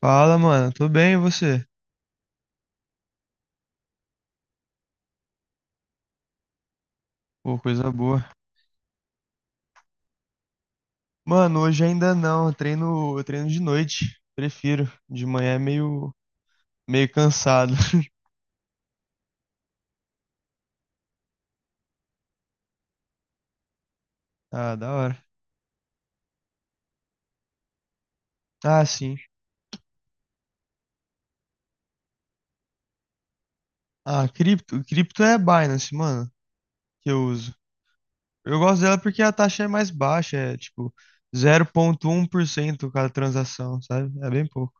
Fala, mano. Tô bem, e você? Pô, coisa boa. Mano, hoje ainda não. Eu treino de noite. Prefiro. De manhã é meio cansado. Ah, da hora. Ah, sim. Ah, cripto. Cripto é Binance, mano, que eu uso. Eu gosto dela porque a taxa é mais baixa, é tipo 0,1% cada transação, sabe? É bem pouco.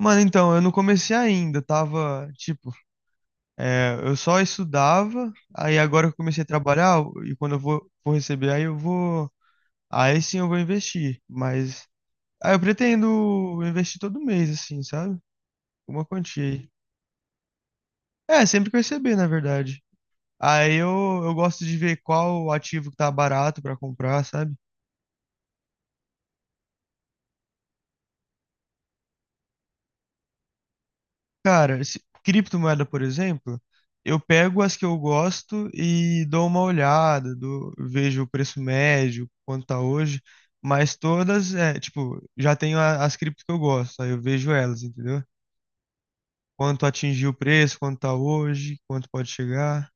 Mano, então, eu não comecei ainda, tava, tipo, eu só estudava, aí agora eu comecei a trabalhar, e quando eu vou, vou receber, aí eu vou. Aí sim eu vou investir, mas. Ah, eu pretendo investir todo mês, assim, sabe? Uma quantia aí. É, sempre que eu receber, na verdade. Aí eu gosto de ver qual ativo que tá barato pra comprar, sabe? Cara, criptomoeda, por exemplo, eu pego as que eu gosto e dou uma olhada, vejo o preço médio, quanto tá hoje, mas todas, é, tipo, já tenho as criptos que eu gosto, aí eu vejo elas, entendeu? Quanto atingiu o preço, quanto tá hoje, quanto pode chegar.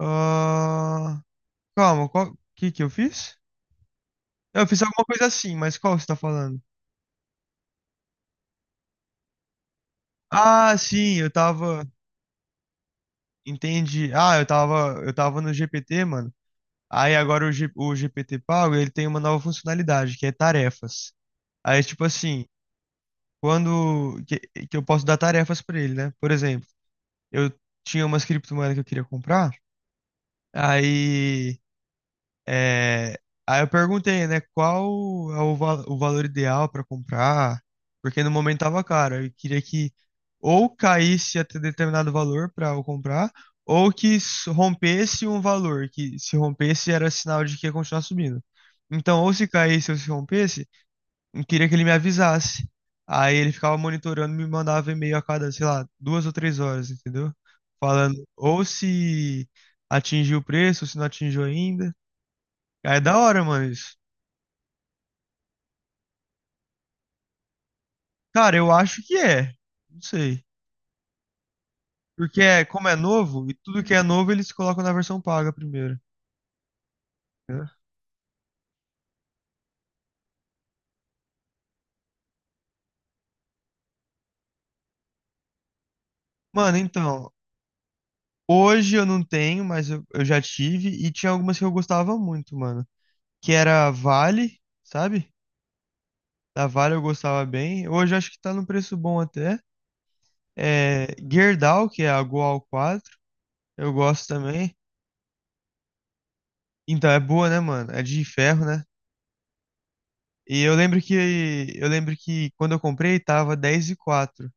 Ah, calma, qual que eu fiz? Eu fiz alguma coisa assim, mas qual você tá falando? Ah, sim, eu tava, entendi. Ah, eu tava no GPT, mano. Aí agora o, o GPT pago, ele tem uma nova funcionalidade, que é tarefas. Aí tipo assim, quando que, que eu posso dar tarefas pra ele, né? Por exemplo, eu tinha umas criptomoedas que eu queria comprar, aí. É, aí eu perguntei, né, qual é o, o valor ideal para comprar, porque no momento tava caro. Eu queria que ou caísse até determinado valor para eu comprar, ou que rompesse um valor, que se rompesse era sinal de que ia continuar subindo. Então, ou se caísse ou se rompesse, eu queria que ele me avisasse. Aí ele ficava monitorando, me mandava e-mail a cada, sei lá, duas ou três horas, entendeu? Falando ou se atingiu o preço, ou se não atingiu ainda. Ah, é da hora, mano, isso. Cara, eu acho que é. Não sei. Porque é, como é novo, e tudo que é novo eles colocam na versão paga primeiro, né? Mano, então, hoje eu não tenho, mas eu já tive e tinha algumas que eu gostava muito, mano. Que era a Vale, sabe? Da Vale eu gostava bem. Hoje eu acho que tá num preço bom até. É, Gerdau, que é a Goal 4, eu gosto também. Então, é boa, né, mano? É de ferro, né? E eu lembro que eu lembro que quando eu comprei tava 10,04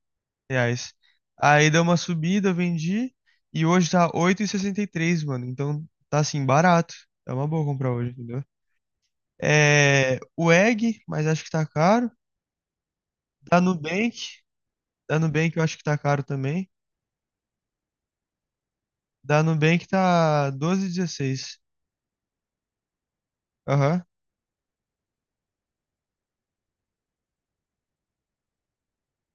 reais. Aí deu uma subida, eu vendi. E hoje tá oito e sessenta e três, mano. Então tá assim, barato. É uma boa comprar hoje, entendeu? É, o Egg, mas acho que tá caro. Da Nubank. Da Nubank eu acho que tá caro também. Da Nubank tá 12,16. Aham.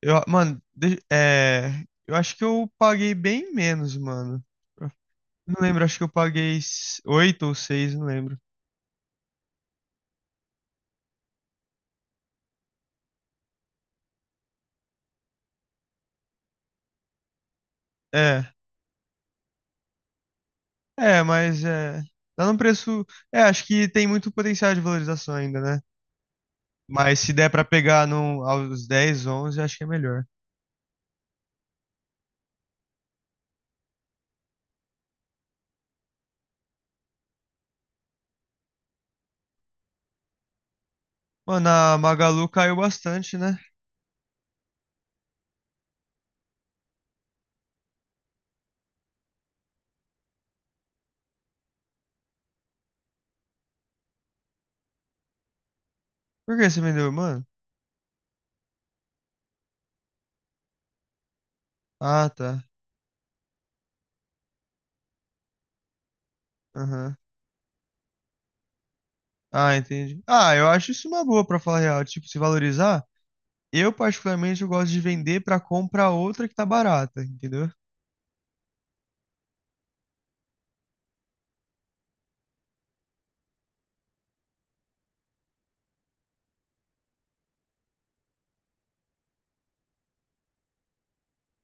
Eu, mano, eu acho que eu paguei bem menos, mano. Não lembro, acho que eu paguei 8 ou 6, não lembro. É. É, mas é, tá num preço. É, acho que tem muito potencial de valorização ainda, né? Mas se der pra pegar num, aos 10, 11, acho que é melhor. Mano, a Magalu caiu bastante, né? Por que você vendeu, mano? Ah, tá. Aham. Ah, entendi. Ah, eu acho isso uma boa pra falar a real. Tipo, se valorizar, eu particularmente eu gosto de vender pra comprar outra que tá barata, entendeu?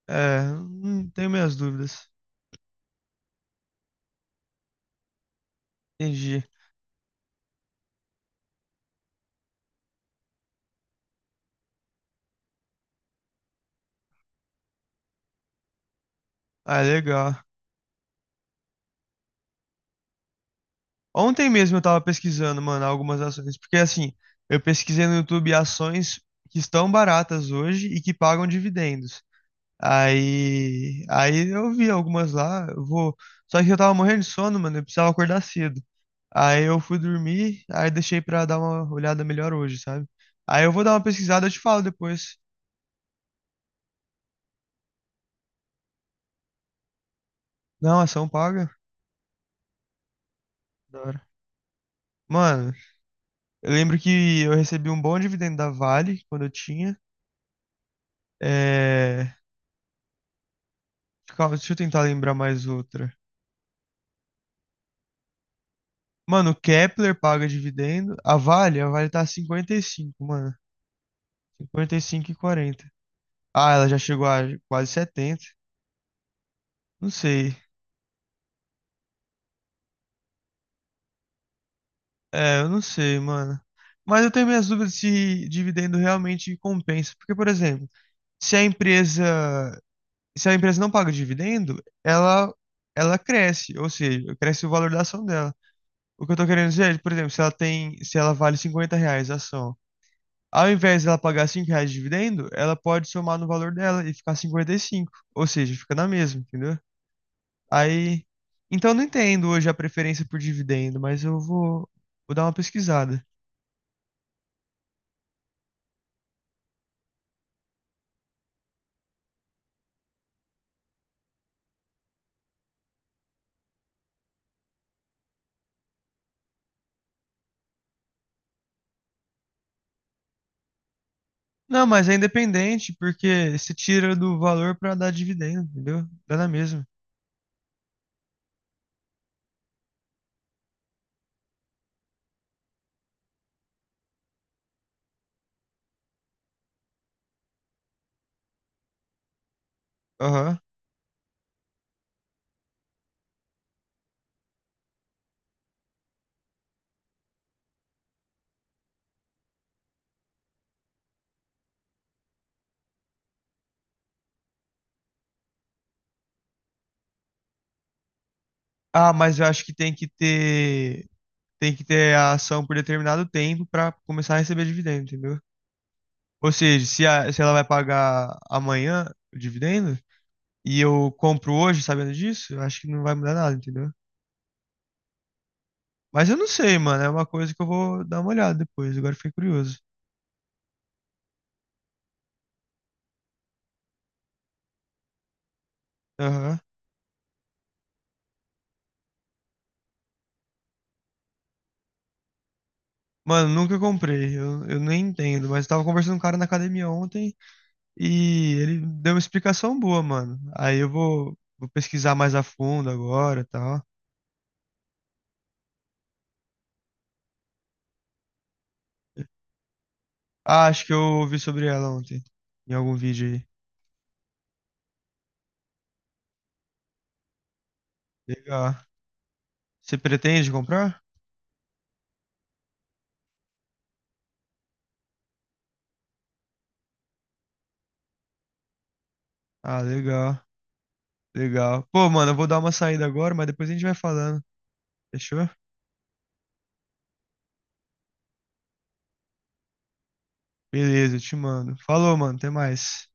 É, tenho minhas dúvidas. Entendi. Ah, legal. Ontem mesmo eu tava pesquisando, mano, algumas ações, porque assim, eu pesquisei no YouTube ações que estão baratas hoje e que pagam dividendos. Aí eu vi algumas lá, eu vou, só que eu tava morrendo de sono, mano, eu precisava acordar cedo. Aí eu fui dormir, aí deixei pra dar uma olhada melhor hoje, sabe? Aí eu vou dar uma pesquisada, eu te falo depois. Não, ação paga? Da hora. Mano, eu lembro que eu recebi um bom dividendo da Vale quando eu tinha. é, Calma, deixa eu tentar lembrar mais outra. Mano, o Kepler paga dividendo. A Vale tá 55, mano. Cinquenta e cinco e quarenta. Ah, ela já chegou a quase 70. Não sei. É, eu não sei, mano. Mas eu tenho minhas dúvidas se dividendo realmente compensa. Porque, por exemplo, se a empresa, se a empresa não paga dividendo, ela cresce, ou seja, cresce o valor da ação dela. O que eu tô querendo dizer é, por exemplo, se ela vale 50 reais a ação, ao invés dela pagar 5 reais de dividendo, ela pode somar no valor dela e ficar 55. Ou seja, fica na mesma, entendeu? Aí. Então eu não entendo hoje a preferência por dividendo, mas eu vou, vou dar uma pesquisada. Não, mas é independente, porque você tira do valor pra dar dividendo, entendeu? Dá na mesma. Aham. Ah, mas eu acho que tem que ter. Tem que ter a ação por determinado tempo pra começar a receber dividendo, entendeu? Ou seja, se ela vai pagar amanhã o dividendo, e eu compro hoje sabendo disso, eu acho que não vai mudar nada, entendeu? Mas eu não sei, mano. É uma coisa que eu vou dar uma olhada depois. Agora eu fiquei curioso. Aham. Mano, nunca comprei. Eu nem entendo. Mas eu tava conversando com um cara na academia ontem e ele deu uma explicação boa, mano. Aí eu vou, vou pesquisar mais a fundo agora e tal. Ah, acho que eu ouvi sobre ela ontem. Em algum vídeo aí. Legal. Você pretende comprar? Ah, legal. Legal. Pô, mano, eu vou dar uma saída agora, mas depois a gente vai falando. Fechou? Beleza, eu te mando. Falou, mano, até mais.